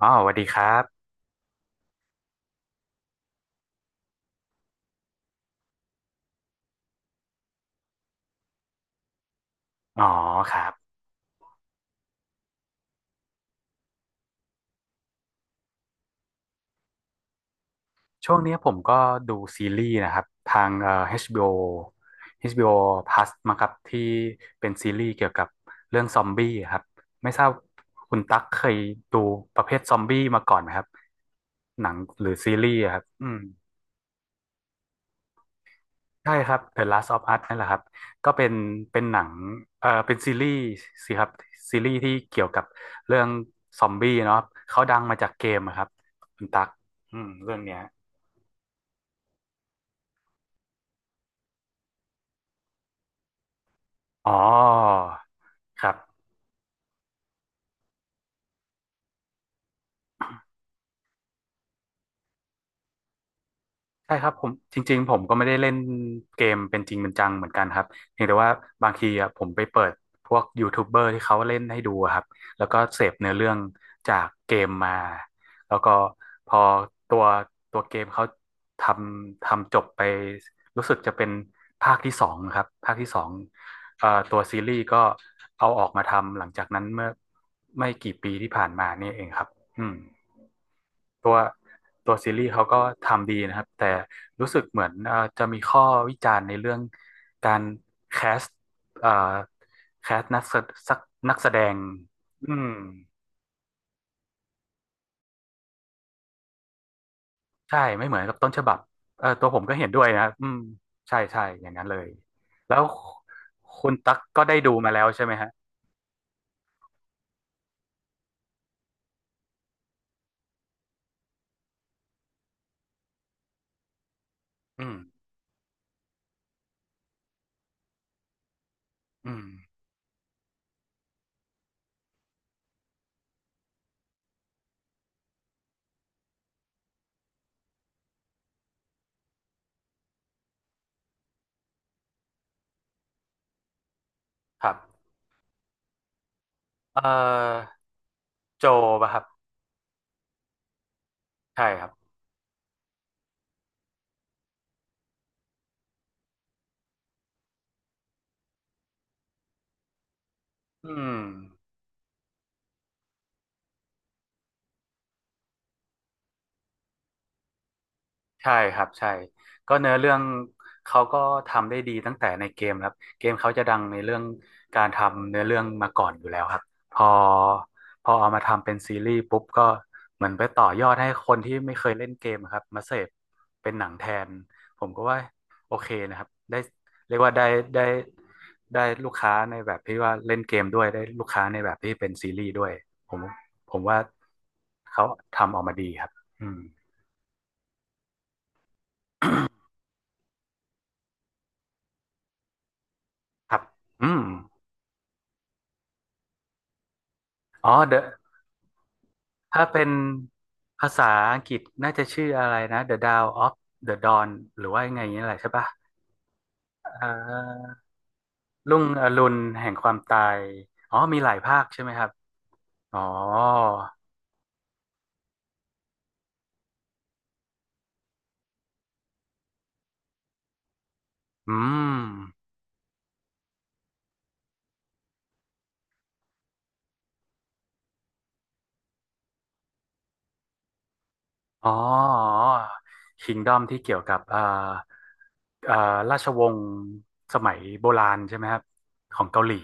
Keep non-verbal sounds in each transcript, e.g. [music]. อ๋อสวัสดีครับ อ๋อครับช่วงเนี้ยผมก็ดูซีรีส์นะครับทางHBO ีโอเอชบีโอ Plus มาครับที่เป็นซีรีส์เกี่ยวกับเรื่องซอมบี้ครับไม่ทราบคุณตั๊กเคยดูประเภทซอมบี้มาก่อนไหมครับหนังหรือซีรีส์อะครับใช่ครับ The Last of Us นั่นแหละครับก็เป็นหนังเป็นซีรีส์สิครับซีรีส์ที่เกี่ยวกับเรื่องซอมบี้เนาะเขาดังมาจากเกมอะครับคุณตั๊กเรื่องเนี้ย อ๋อ ครับใช่ครับผมจริงๆผมก็ไม่ได้เล่นเกมเป็นจริงเป็นจังเหมือนกันครับเพียงแต่ว่าบางทีอ่ะผมไปเปิดพวกยูทูบเบอร์ที่เขาเล่นให้ดูอะครับ แล้วก็เสพเนื้อเรื่องจากเกมมา แล้วก็พอตัวตัวเกมเขาททำจบไปรู้สึกจะเป็นภาคที่สองครับภาคที่สองตัวซีรีส์ก็เอาออกมาทำหลังจากนั้นเมื่อไม่กี่ปีที่ผ่านมานี่เองครับอืม ตัวตัวซีรีส์เขาก็ทำดีนะครับแต่รู้สึกเหมือนจะมีข้อวิจารณ์ในเรื่องการแคสเอ่อแคสนักแสสักนักแสดงอืมใช่ไม่เหมือนกับต้นฉบับเออตัวผมก็เห็นด้วยนะครับอืมใช่ใช่อย่างนั้นเลยแล้วคุณตั๊กก็ได้ดูมาแล้วใช่ไหมฮะอืมอืมครับเอ่อโจป่ะครับใช่ครับอืม ใช่ครับใช่ก็เนื้อเรื่องเขาก็ทำได้ดีตั้งแต่ในเกมครับเกมเขาจะดังในเรื่องการทำเนื้อเรื่องมาก่อนอยู่แล้วครับพอพอเอามาทำเป็นซีรีส์ปุ๊บก็เหมือนไปต่อยอดให้คนที่ไม่เคยเล่นเกมครับมาเสพเป็นหนังแทนผมก็ว่าโอเคนะครับได้เรียกว่าได้ได้ลูกค้าในแบบที่ว่าเล่นเกมด้วยได้ลูกค้าในแบบที่เป็นซีรีส์ด้วยผมผมว่าเขาทำออกมาดีครับอืมครับอืม อ๋อ The ถ้าเป็นภาษาอังกฤษน่าจะชื่ออะไรนะ The Dawn of the Dawn หรือว่ายังไงอย่างนี้แหละใช่ปะเอ่อรุ่งอรุณแห่งความตายอ๋อมีหลายภาคใช่ไหมครับอ๋ออืมอ๋อ k i n d o m ที่เกี่ยวกับเอ่อราชวงศ์สมัยโบราณใช่ไหมครับของเกาหลี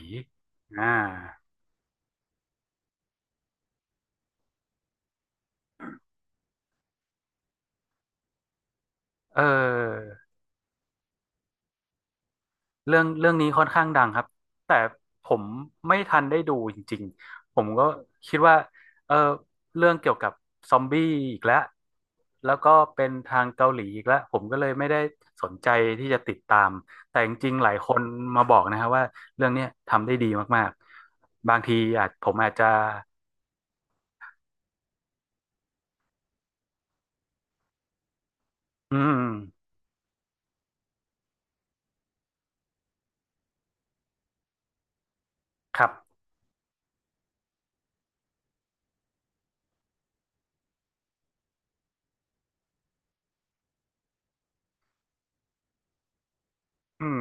อ่าเออ เรื่องเรื่องนี้ค่อนข้างดังครับแต่ผมไม่ทันได้ดูจริงๆผมก็คิดว่าเออเรื่องเกี่ยวกับซอมบี้อีกแล้วแล้วก็เป็นทางเกาหลีอีกแล้วผมก็เลยไม่ได้สนใจที่จะติดตามแต่จริงๆหลายคนมาบอกนะครับว่าเรื่องเนี้ยทำได้ดีมากๆบางทีอาจผมอาจจะอืมครับอืม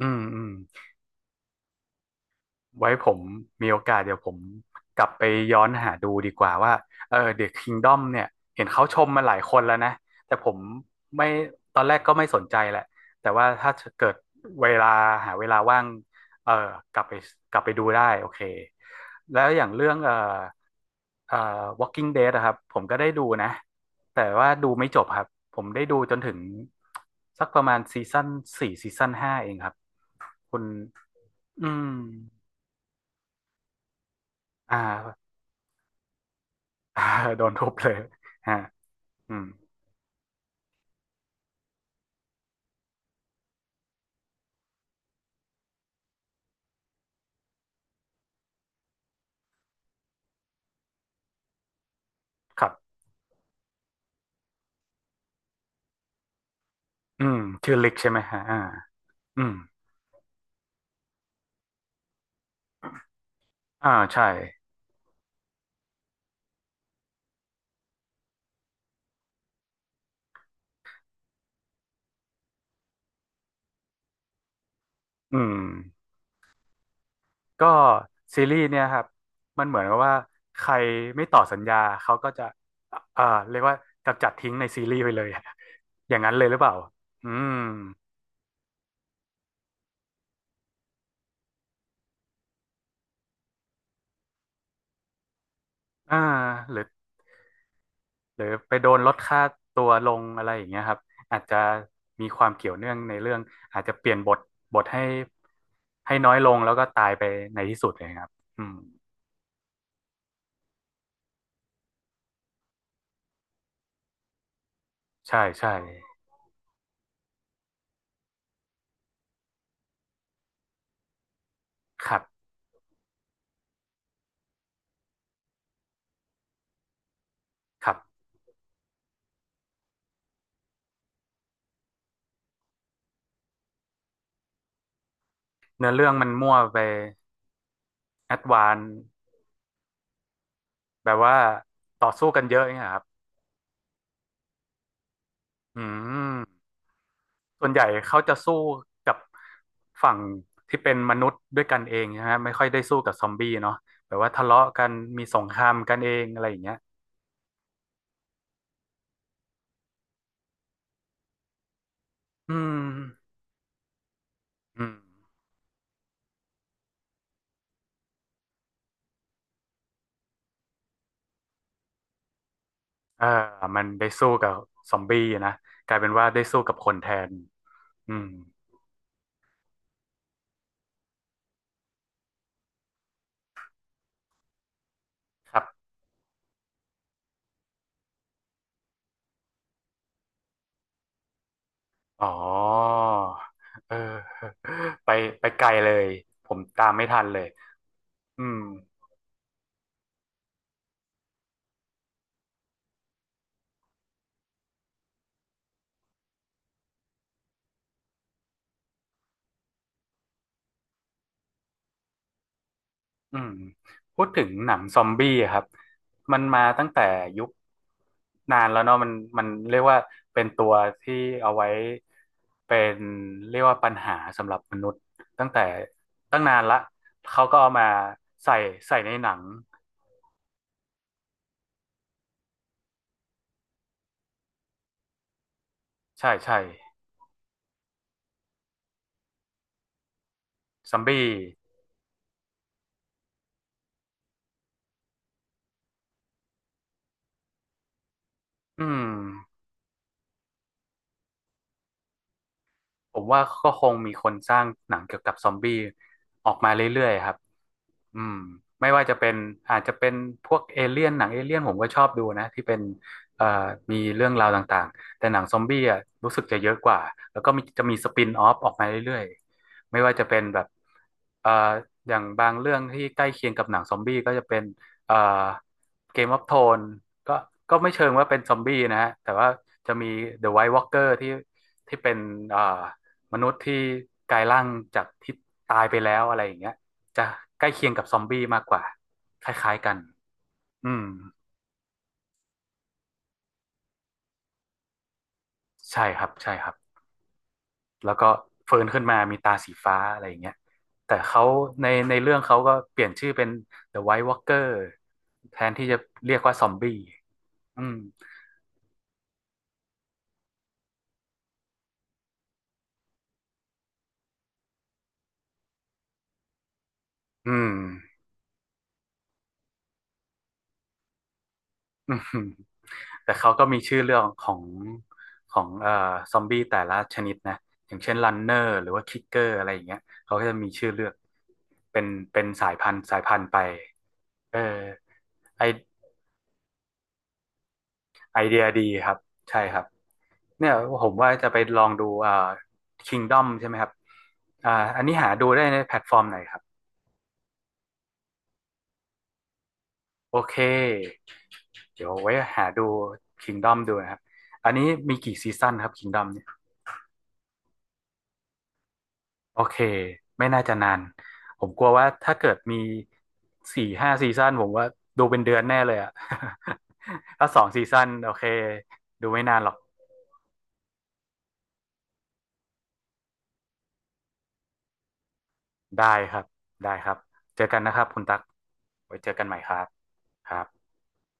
อืมอืม ไว้ผมมีโอกาสเดี๋ยวผมกลับไปย้อนหาดูดีกว่าว่าเออ The Kingdom เนี่ยเห็นเขาชมมาหลายคนแล้วนะแต่ผมไม่ตอนแรกก็ไม่สนใจแหละแต่ว่าถ้าเกิดเวลาหาเวลาว่างเออกลับไปกลับไปดูได้โอเคแล้วอย่างเรื่องเออ Walking Dead นะครับผมก็ได้ดูนะแต่ว่าดูไม่จบครับผมได้ดูจนถึงสักประมาณซีซั่นสี่ซีซั่นห้าเองครับคุณอืมอ่า [laughs] อ่าโดนทุบเลย [laughs] ฮะอืมครับอืมชื่อลิกใช่ไหมฮะอ่าอืมอ่าใช่ อืม ก็ซีรีส์เนี่ยครับ มันเหมือนกับว่าใครไม่ต่อสัญญา เขาก็จะเอ่าเรียกว่ากำจัดทิ้งในซีรีส์ไปเลย [laughs] อย่างนั้นเลยหรือเปล่า อืม อ่า หรือไปโดนลดค่าตัวลงอะไรอย่างเงี้ยครับ อาจจะมีความเกี่ยวเนื่องในเรื่องอาจจะเปลี่ยนบท บทให้น้อยลงแล้วก็ตายไปในที่สุดเลยครับอืม ใช่ใช่ครับครับเนื้อเรื่องมันมั่วไปแอดวานแบบว่าต่อสู้กันเยอะอย่างเงี้ยครับอืมส่วนใหญ่เขาจะสู้กับฝั่งที่เป็นมนุษย์ด้วยกันเองนะฮะไม่ค่อยได้สู้กับซอมบี้เนาะแบบว่าทะเลาะกันมีสงครามกันเองอะไรอย่างเงี้ยอืมอืมเออมันได้สู้กับซอมบี้นะกลายเป็นว่าได้สู้กับคนแทนอืมครับ อ๋อเออ [laughs] ไปไกลเลยผมตามไม่ทันเลยอืมอืมพูดถึงหนังซอมบี้อะครับมันมาตั้งแต่ยุคนานแล้วเนาะมันเรียกว่าเป็นตัวที่เอาไว้เป็นเรียกว่าปัญหาสำหรับมนุษย์ตั้งแต่ตั้งนานละเขาก็เอามาใส่ใส่ในหนังใช่ใช่ซอมบี้อืม ผมว่าก็คงมีคนสร้างหนังเกี่ยวกับซอมบี้ออกมาเรื่อยๆครับอืมไม่ว่าจะเป็นอาจจะเป็นพวกเอเลี่ยนหนังเอเลี่ยนผมก็ชอบดูนะที่เป็นเอ่อมีเรื่องราวต่างๆแต่หนังซอมบี้อ่ะรู้สึกจะเยอะกว่าแล้วก็มีจะมีสปินออฟออกมาเรื่อยๆไม่ว่าจะเป็นแบบเอ่ออย่างบางเรื่องที่ใกล้เคียงกับหนังซอมบี้ก็จะเป็นเอ่อเกมออฟโทนก็ก็ไม่เชิงว่าเป็นซอมบี้นะฮะแต่ว่าจะมี The White Walker ที่เป็นเอ่อ มนุษย์ที่กลายร่างจากที่ตายไปแล้วอะไรอย่างเงี้ยจะใกล้เคียงกับซอมบี้มากกว่าคล้ายๆกันอืมใช่ครับใช่ครับแล้วก็ฟื้นขึ้นมามีตาสีฟ้าอะไรอย่างเงี้ยแต่เขาในเรื่องเขาก็เปลี่ยนชื่อเป็น The White Walker แทนที่จะเรียกว่าซอมบี้อืมอืม [laughs] อืม แต่เขาก็มีชื่อเรื่องของของเอ่อซอมบี้แต่ละชนิดนะอย่างเช่นรันเนอร์หรือว่าคิกเกอร์อะไรอย่างเงี้ยเขาก็จะมีชื่อเลือกเป็นเป็นสายพันธุ์สายพันธุ์ไปเออไอไอเดียดีครับใช่ครับเนี่ยผมว่าจะไปลองดูอ่า Kingdom ใช่ไหมครับอ่าอันนี้หาดูได้ในแพลตฟอร์มไหนครับโอเคเดี๋ยวไว้หาดู Kingdom ดูนะครับอันนี้มีกี่ซีซั่นครับ Kingdom เนี่ย โอเค ไม่น่าจะนาน ผมกลัวว่าถ้าเกิดมี4-5ซีซั่นผมว่าดูเป็นเดือนแน่เลยอะ [laughs] ถ้า2 ซีซั่นโอเคดูไม่นานหรอก ได้ครับ ได้ครับ เจอกันนะครับคุณตั๊กไว้เจอกันใหม่ครับครับ